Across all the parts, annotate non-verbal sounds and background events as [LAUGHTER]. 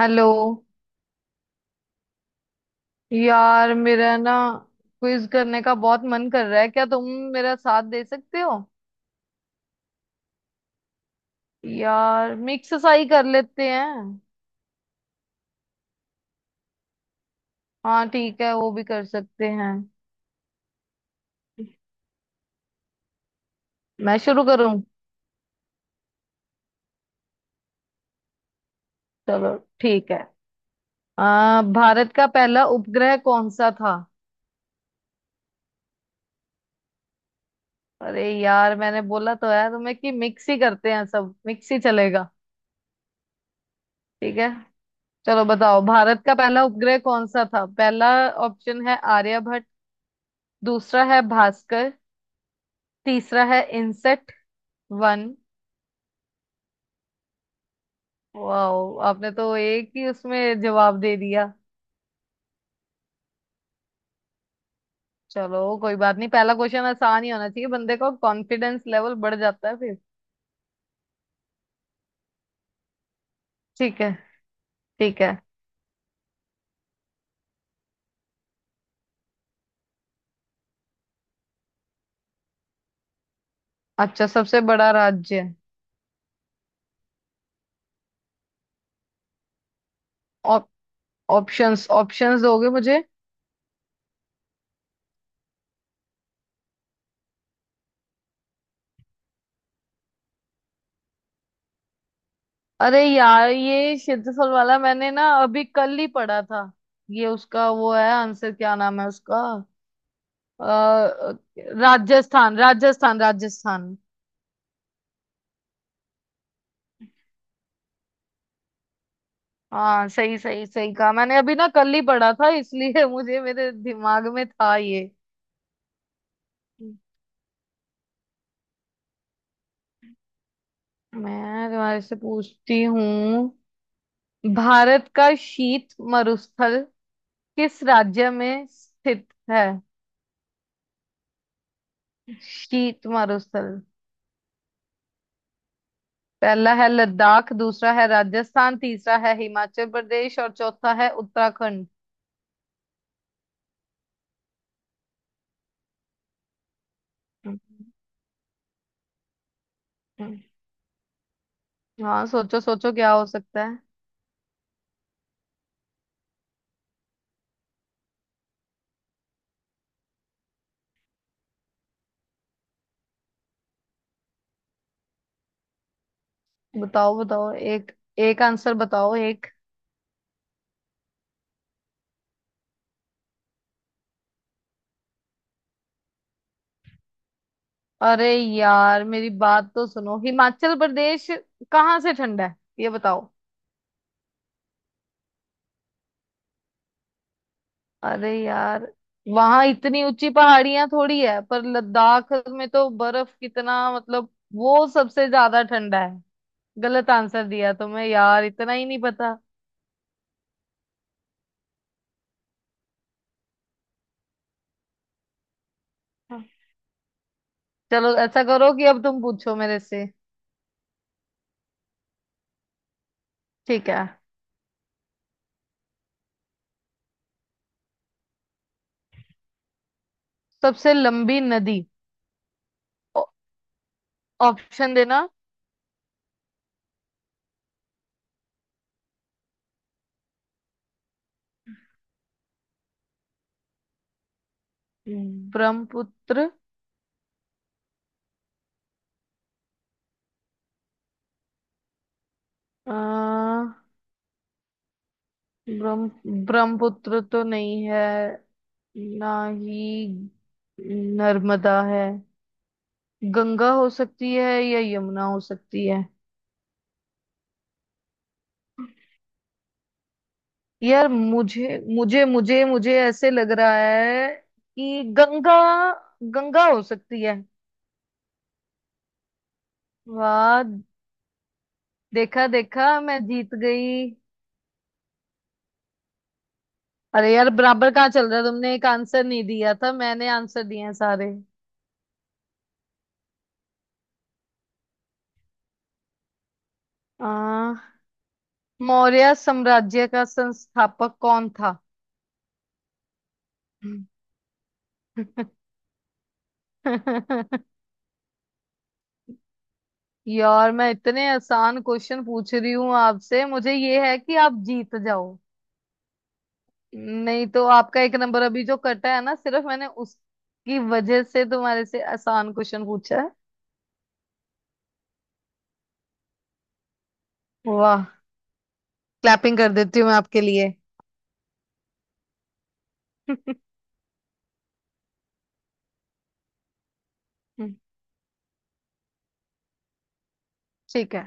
Hello. यार मेरा ना क्विज करने का बहुत मन कर रहा है, क्या तुम मेरा साथ दे सकते हो? यार मिक्स सा ही कर लेते हैं। हाँ ठीक है, वो भी कर सकते हैं। मैं शुरू करूं? चलो ठीक है। भारत का पहला उपग्रह कौन सा था? अरे यार, मैंने बोला तो है तुम्हें कि मिक्स ही करते हैं, सब मिक्स ही चलेगा। ठीक है। चलो बताओ, भारत का पहला उपग्रह कौन सा था? पहला ऑप्शन है आर्यभट्ट। दूसरा है भास्कर। तीसरा है इंसेक्ट वन। वाओ, आपने तो एक ही उसमें जवाब दे दिया। चलो कोई बात नहीं, पहला क्वेश्चन आसान ही होना चाहिए, बंदे का कॉन्फिडेंस लेवल बढ़ जाता है फिर। ठीक है, ठीक है। अच्छा, सबसे बड़ा राज्य। ऑप्शंस ऑप्शंस दोगे मुझे? अरे यार, ये क्षेत्रफल वाला मैंने ना अभी कल ही पढ़ा था। ये उसका वो है आंसर, क्या नाम है उसका? अ, राजस्थान, राजस्थान, राजस्थान। हाँ, सही सही सही कहा, मैंने अभी ना कल ही पढ़ा था इसलिए [LAUGHS] मुझे, मेरे दिमाग में था ये। मैं तुम्हारे से पूछती हूँ। भारत का शीत मरुस्थल किस राज्य में स्थित है? शीत मरुस्थल। पहला है लद्दाख, दूसरा है राजस्थान, तीसरा है हिमाचल प्रदेश और चौथा है उत्तराखंड। हम्म। हाँ, सोचो सोचो, क्या हो सकता है? बताओ बताओ, एक, एक आंसर बताओ एक। अरे यार, मेरी बात तो सुनो, हिमाचल प्रदेश कहाँ से ठंडा है ये बताओ? अरे यार, वहां इतनी ऊंची पहाड़ियां थोड़ी है, पर लद्दाख में तो बर्फ कितना, मतलब वो सबसे ज्यादा ठंडा है। गलत आंसर दिया तुम्हें, यार इतना ही नहीं पता। चलो ऐसा करो कि अब तुम पूछो मेरे से। ठीक है। सबसे लंबी नदी। ओ- ऑप्शन देना। ब्रह्मपुत्र। अ, ब्रह्म ब्रह्मपुत्र तो नहीं है, ना ही नर्मदा है। गंगा हो सकती है या यमुना हो सकती है। यार, मुझे मुझे मुझे मुझे ऐसे लग रहा है कि गंगा, गंगा हो सकती है। वाह, देखा देखा, मैं जीत गई। अरे यार, बराबर कहाँ चल रहा है, तुमने एक आंसर नहीं दिया था, मैंने आंसर दिए हैं सारे। आ, मौर्य साम्राज्य का संस्थापक कौन था? [LAUGHS] यार, मैं इतने आसान क्वेश्चन पूछ रही हूँ आपसे, मुझे ये है कि आप जीत जाओ। नहीं तो आपका एक नंबर अभी जो कटा है ना, सिर्फ मैंने उसकी वजह से तुम्हारे से आसान क्वेश्चन पूछा है। वाह, क्लैपिंग कर देती हूँ मैं आपके लिए। [LAUGHS] ठीक है।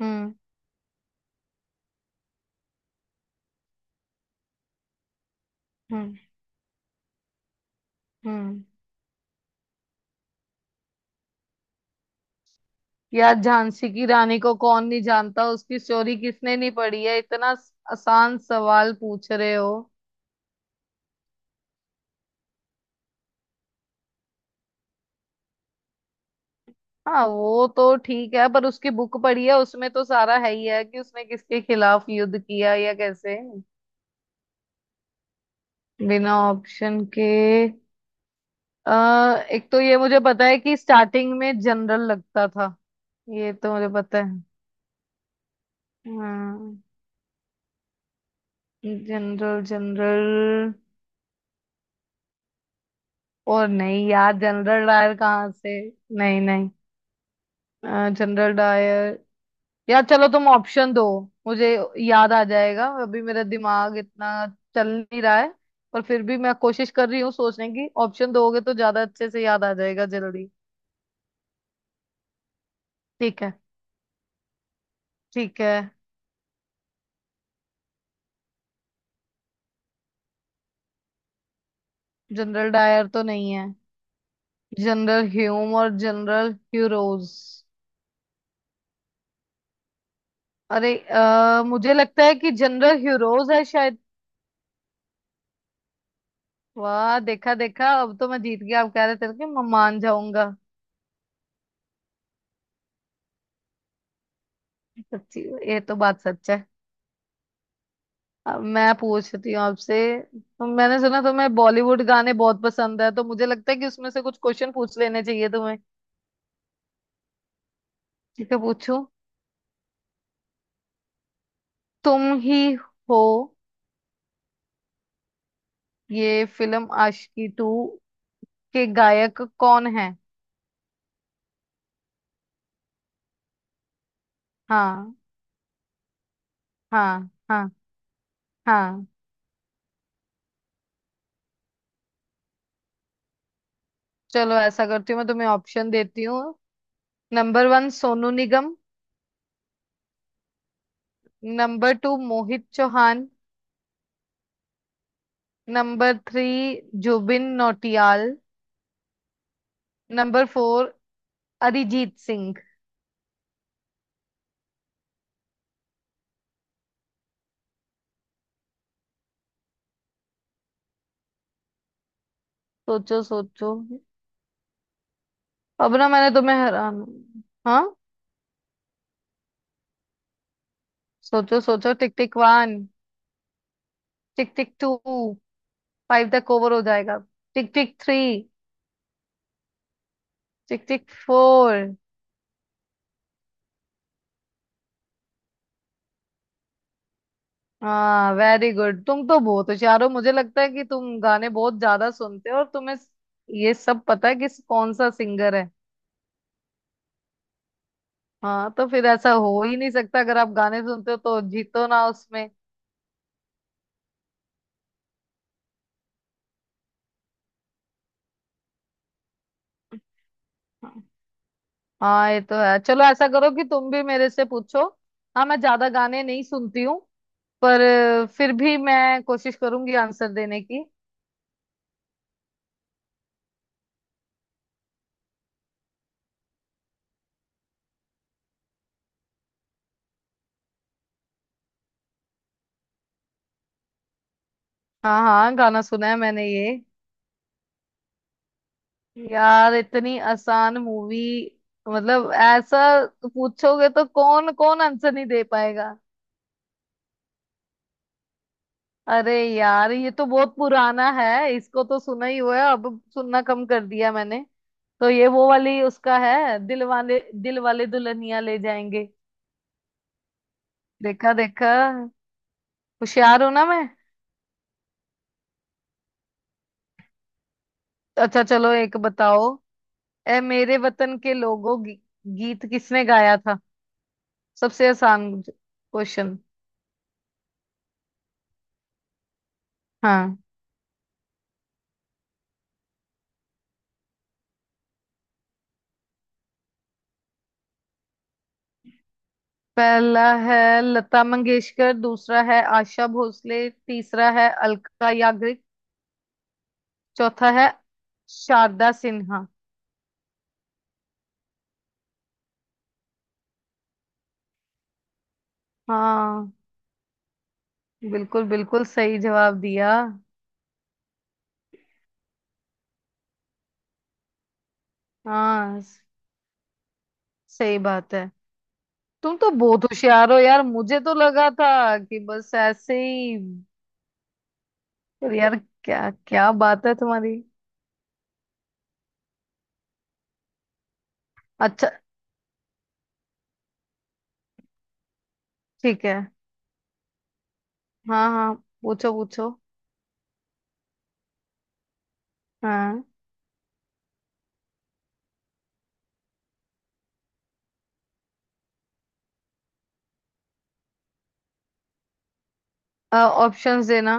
हम्म, हम्म, हम्म। यार, झांसी की रानी को कौन नहीं जानता, उसकी स्टोरी किसने नहीं पढ़ी है? इतना आसान सवाल पूछ रहे हो? हाँ, वो तो ठीक है, पर उसकी बुक पढ़ी है, उसमें तो सारा है ही है कि उसने किसके खिलाफ युद्ध किया या कैसे। बिना ऑप्शन के। एक तो ये मुझे पता है कि स्टार्टिंग में जनरल लगता था। ये तो मुझे पता है। हाँ। General general. और नहीं यार, जनरल डायर कहाँ से? नहीं, नहीं, जनरल डायर। यार चलो, तुम ऑप्शन दो मुझे, याद आ जाएगा, अभी मेरा दिमाग इतना चल नहीं रहा है, पर फिर भी मैं कोशिश कर रही हूँ सोचने की, ऑप्शन दोगे तो ज्यादा अच्छे से याद आ जाएगा जल्दी। ठीक है, ठीक है। जनरल डायर तो नहीं है। जनरल ह्यूम और जनरल ह्यूरोज। अरे, मुझे लगता है कि जनरल ह्यूरोज है शायद। वाह, देखा देखा, अब तो मैं जीत गया, आप कह रहे थे कि मैं मान जाऊंगा। सच्ची? ये तो बात सच है। अब मैं पूछती हूँ आपसे। तो मैंने सुना तुम्हें बॉलीवुड गाने बहुत पसंद है, तो मुझे लगता है कि उसमें से कुछ क्वेश्चन पूछ लेने चाहिए तुम्हें। ठीक है, पूछूं? तुम ही हो। ये फिल्म आशिकी टू के गायक कौन है? हाँ, हाँ, हाँ, हाँ। चलो ऐसा करती हूँ, मैं तुम्हें ऑप्शन देती हूँ। Number one, Sonu Nigam. Number two, Mohit Chauhan. Number three, Jubin Nautiyal. Number four, Arijit Singh. सोचो सोचो। अब ना मैंने तुम्हें हैरान। हाँ, सोचो सोचो, tick tick one, tick tick two, five तक ओवर हो जाएगा, tick tick three, tick tick four. हाँ वेरी गुड, तुम तो बहुत होशियार हो, मुझे लगता है कि तुम गाने बहुत ज्यादा सुनते हो और तुम्हें ये सब पता है कि कौन सा सिंगर है। हाँ तो फिर ऐसा हो ही नहीं सकता, अगर आप गाने सुनते हो तो जीतो ना उसमें। हाँ ये तो है, चलो ऐसा करो कि तुम भी मेरे से पूछो। हाँ मैं ज्यादा गाने नहीं सुनती हूँ। पर फिर भी मैं कोशिश करूंगी आंसर देने की। हाँ, हाँ, गाना सुना है मैंने ये। यार इतनी आसान मूवी, मतलब ऐसा पूछोगे तो कौन कौन आंसर नहीं दे पाएगा? अरे यार ये तो बहुत पुराना है, इसको तो सुना ही हुआ है, अब सुनना कम कर दिया मैंने। तो ये वो वाली उसका है, दिल वाले दुल्हनिया ले जाएंगे। देखा देखा, होशियार हूं ना मैं? अच्छा चलो, एक बताओ। ए मेरे वतन के लोगों, गीत किसने गाया था? सबसे आसान क्वेश्चन। हाँ, पहला है लता मंगेशकर, दूसरा है आशा भोसले, तीसरा है अलका याग्निक, चौथा है शारदा सिन्हा। हाँ बिल्कुल, बिल्कुल सही जवाब दिया। हाँ, सही बात है। तुम तो बहुत होशियार हो यार, मुझे तो लगा था कि बस ऐसे ही। पर यार, क्या क्या बात है तुम्हारी। अच्छा, ठीक है। हाँ हाँ, पूछो पूछो। हाँ। ऑप्शंस देना।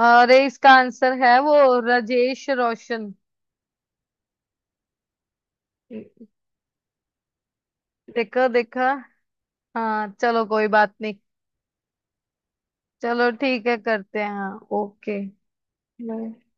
अरे, इसका आंसर है वो, राजेश रोशन। देखो देखो। हाँ चलो कोई बात नहीं। चलो ठीक है, करते हैं। हाँ ओके। बाय।